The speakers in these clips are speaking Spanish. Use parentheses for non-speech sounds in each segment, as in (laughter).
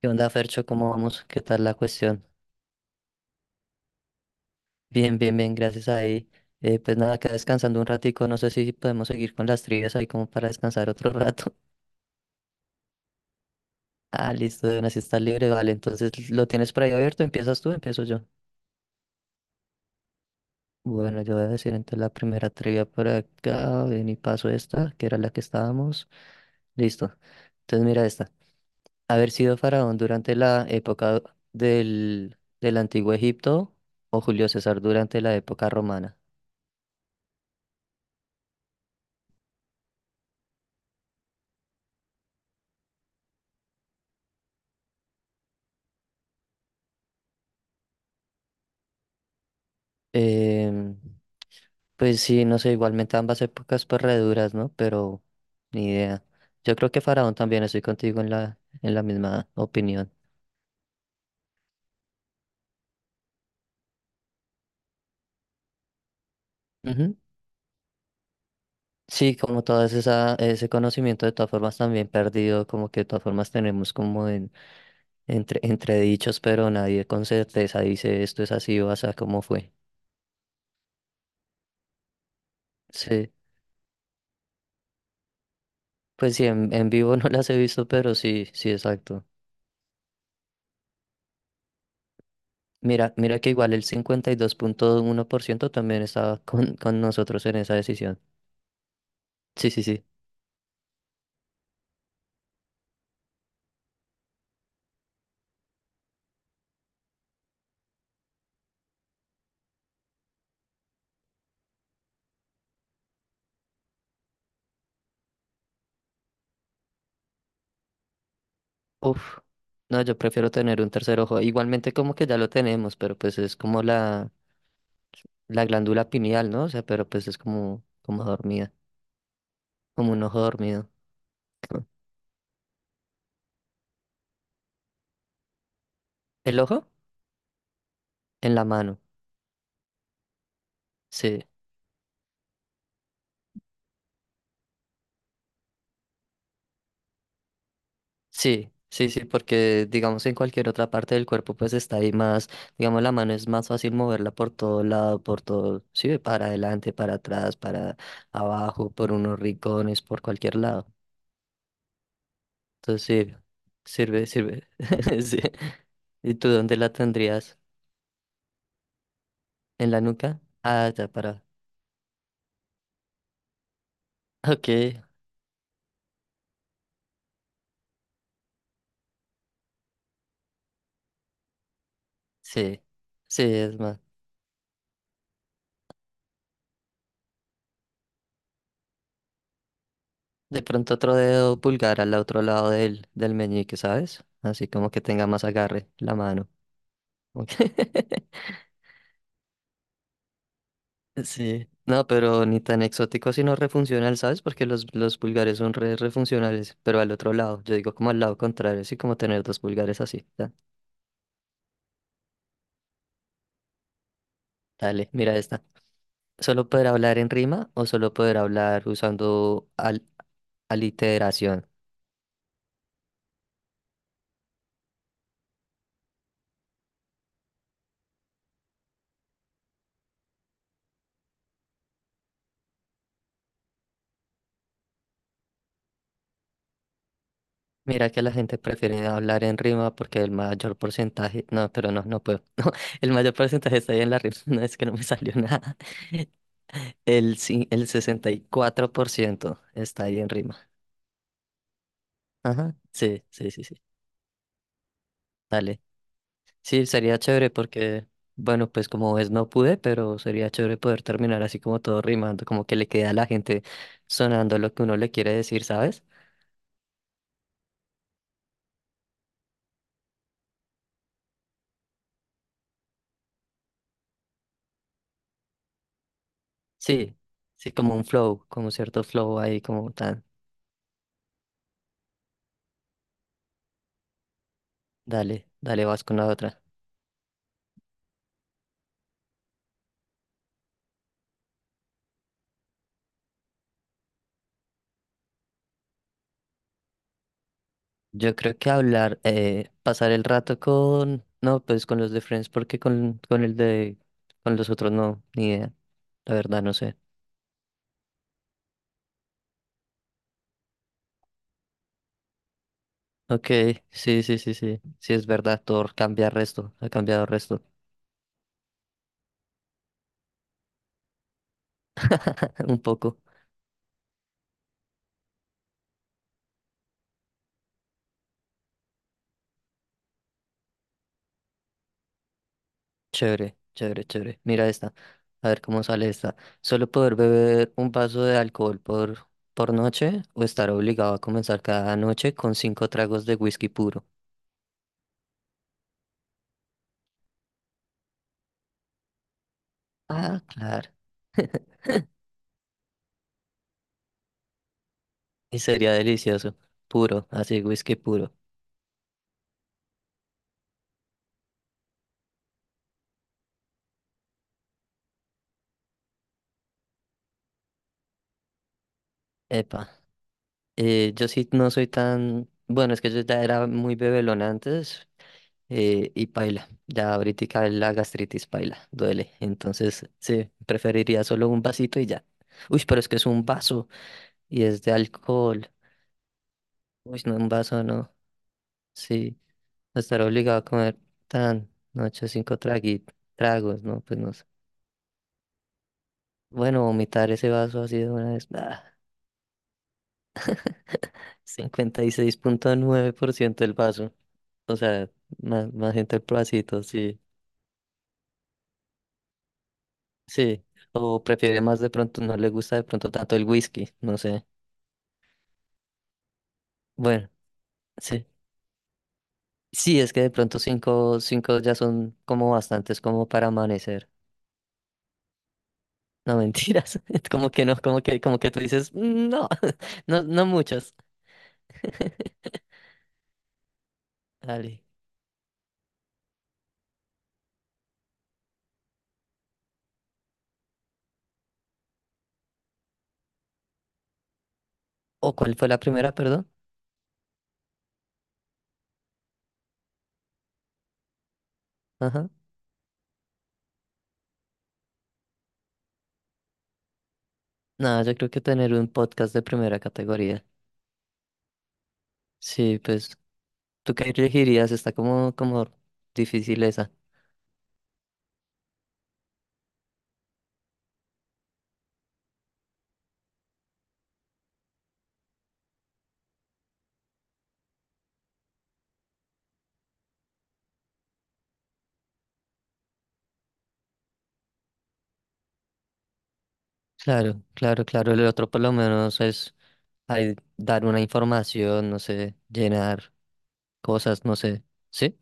¿Qué onda, Fercho? ¿Cómo vamos? ¿Qué tal la cuestión? Bien, bien, bien, gracias ahí. Pues nada, acá descansando un ratico, no sé si podemos seguir con las trivias ahí como para descansar otro rato. (laughs) Ah, listo, de una si está libre, vale, entonces lo tienes por ahí abierto, empiezas tú, empiezo yo. Bueno, yo voy a decir entonces la primera trivia por acá, ven y paso esta, que era la que estábamos. Listo, entonces mira esta. Haber sido faraón durante la época del Antiguo Egipto o Julio César durante la época romana. Em, Pues sí, no sé, igualmente ambas épocas pues re duras, ¿no? Pero ni idea. Yo creo que Faraón también estoy contigo en la misma opinión. Ujú. Sí, como todo esa, ese conocimiento de todas formas también perdido, como que de todas formas tenemos como entredichos, pero nadie con certeza dice esto es así o así como fue. Sí, pues sí, en vivo (laughs) no las he visto, pero sí, sí, exacto. Mira que igual el cincuenta y dos punto uno por ciento también estaba con nosotros en esa decisión. Sí, sí, sí. Uf, no, yo prefiero tener un tercer ojo. Igualmente como que ya lo tenemos, pero pues es como la glándula pineal, ¿no? O sea, pero pues es como, como dormida, como un ojo dormido. (clears throat) (laughs) ¿El ojo? En la mano. Sí, sí, sí, sí, porque digamos en cualquier otra parte del cuerpo pues está ahí más, digamos la mano es más fácil moverla por todo lado, por todo, sí, para adelante, para atrás, para abajo, por unos rincones, por cualquier lado. Entonces sirve, sirve, sirve. (laughs) Sí. ¿Y tú dónde la tendrías? ¿En la nuca? Ah, ya para. Ok, sí, sí, es más. De pronto otro dedo pulgar al otro lado del meñique, ¿sabes? Así como que tenga más agarre la mano. Ok. (laughs) Sí, no, pero ni tan exótico sino refuncional, ¿sabes? Porque los pulgares son re refuncionales, pero al otro lado, yo digo como al lado contrario, así como tener dos pulgares así. Ya. Dale, mira esta. ¿Solo poder hablar en rima o solo poder hablar usando al aliteración? Mira que la gente prefiere hablar en rima porque el mayor porcentaje... No, pero no, no puedo. (laughs) El mayor porcentaje está ahí en la rima. (laughs) No es que no me salió (laughs) nada. El 64% está ahí en rima. Ajá. Sí, sí, sí, sí. Dale. Sí, sería chévere porque, bueno, pues como ves, no pude, pero sería chévere poder terminar así como todo rimando, como que le queda a la gente sonando lo que uno le quiere decir, ¿sabes? Sí, sí, como un flow, como cierto flow ahí, como tan, dale, dale, vas con la otra. Yo creo que hablar, pasar el rato con, no, pues con los de Friends, porque con el de, con los otros no, ni idea, la verdad no sé. Ok, sí, sí, sí, sí, sí es verdad, Thor cambia resto, ha cambiado resto, (laughs) un poco. Chévere, chévere, chévere. Mira esta. A ver cómo sale esta. ¿Solo poder beber un vaso de alcohol por noche o estar obligado a comenzar cada noche con cinco tragos de whisky puro? Ah, claro. (laughs) Y sería delicioso. Puro, así, whisky puro. Epa. Yo sí no soy tan... Bueno, es que yo ya era muy bebelón antes, y paila. Ya ahorita la gastritis paila, duele. Entonces, sí, preferiría solo un vasito y ya. Uy, pero es que es un vaso, y es de alcohol. Uy, no, un vaso no. Sí, estar obligado a comer tan, no, ocho, cinco tragos, no, pues no sé. Bueno, vomitar ese vaso así de una vez, ah, (laughs) cincuenta y seis punto nueve por ciento del vaso. O sea, más, más gente el pedacito, sí, sí. O prefiere más de pronto, no le gusta de pronto tanto el whisky, no sé. Bueno, sí. Sí, es que de pronto cinco, cinco ya son como bastantes como para amanecer. No, mentiras. (laughs) Como que no, como que tú dices, "Mm, no, (laughs) no, no muchas." (laughs) Dale. ¿O cuál fue la primera, perdón? Ajá. No, yo creo que tener un podcast de primera categoría. Sí, pues, ¿tú qué elegirías? Está como difícil esa. Claro, claro, claro. El otro por lo menos es ahí dar una información, no sé, llenar cosas, no sé. ¿Sí?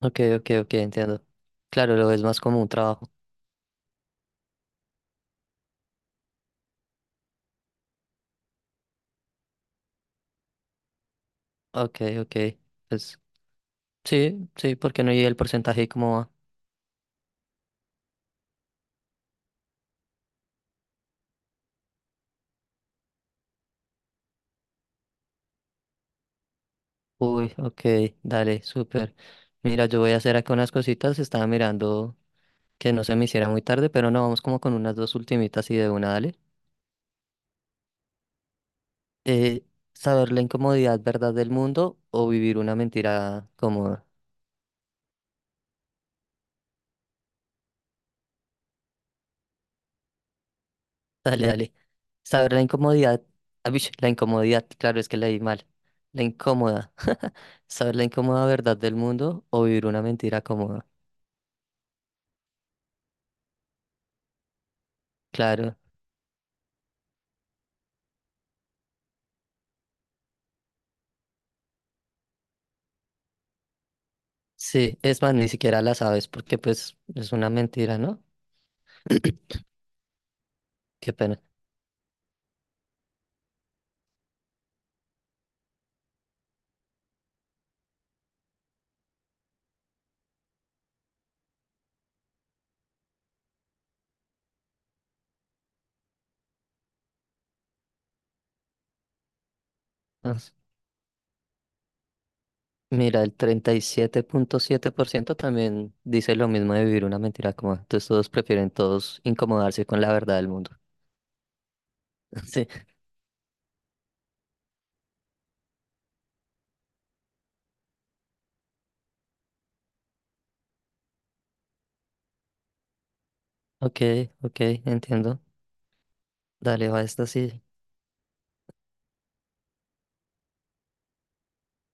Ok, ok, ok, entiendo. Claro, lo ves más como un trabajo. Ok, ok. Pues sí, sí, porque no llegué el porcentaje y como, va. Uy, ok, dale, súper. Mira, yo voy a hacer acá unas cositas, estaba mirando que no se me hiciera muy tarde, pero no, vamos como con unas dos ultimitas y de una, dale. Eh, Saber la incomodidad verdad del mundo o vivir una mentira cómoda. (laughs) Dale, dale. Saber la incomodidad, ah, bish, la incomodidad, claro, es que leí mal. La incómoda. Saber la incómoda verdad del mundo o vivir una mentira cómoda. Claro. Sí, es más, ni siquiera la sabes porque pues es una mentira, ¿no? Qué pena. Ah, mira, el 37.7% también dice lo mismo de vivir una mentira como. Entonces todos prefieren todos incomodarse con la verdad del mundo. (laughs) Sí, ok, ok, entiendo. Dale, va esta sí.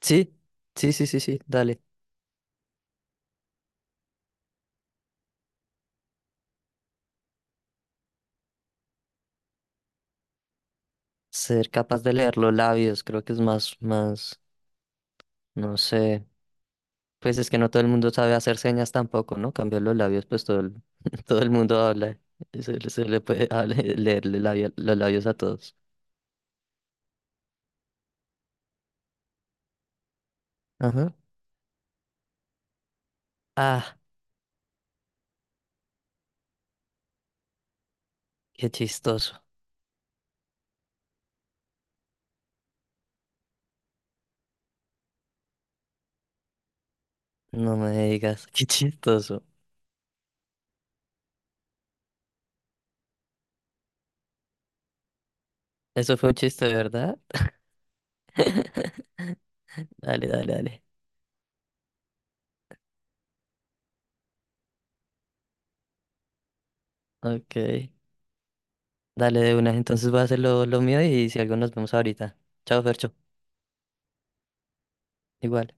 Sí, sí, sí, sí, sí, dale. Ser capaz de leer los labios, creo que es más, más, no sé. Pues es que no todo el mundo sabe hacer señas tampoco, ¿no? Cambiar los labios, pues todo el, (laughs) todo el mundo habla. Se le puede (laughs) leerle los labios a todos. Ajá. Ah, qué chistoso. No me digas, (laughs) qué chistoso. Eso fue un chiste, ¿verdad? (laughs) Dale, dale, dale. Ok. Dale de una. Entonces voy a hacer lo mío y si algo nos vemos ahorita. Chao, Fercho. Igual.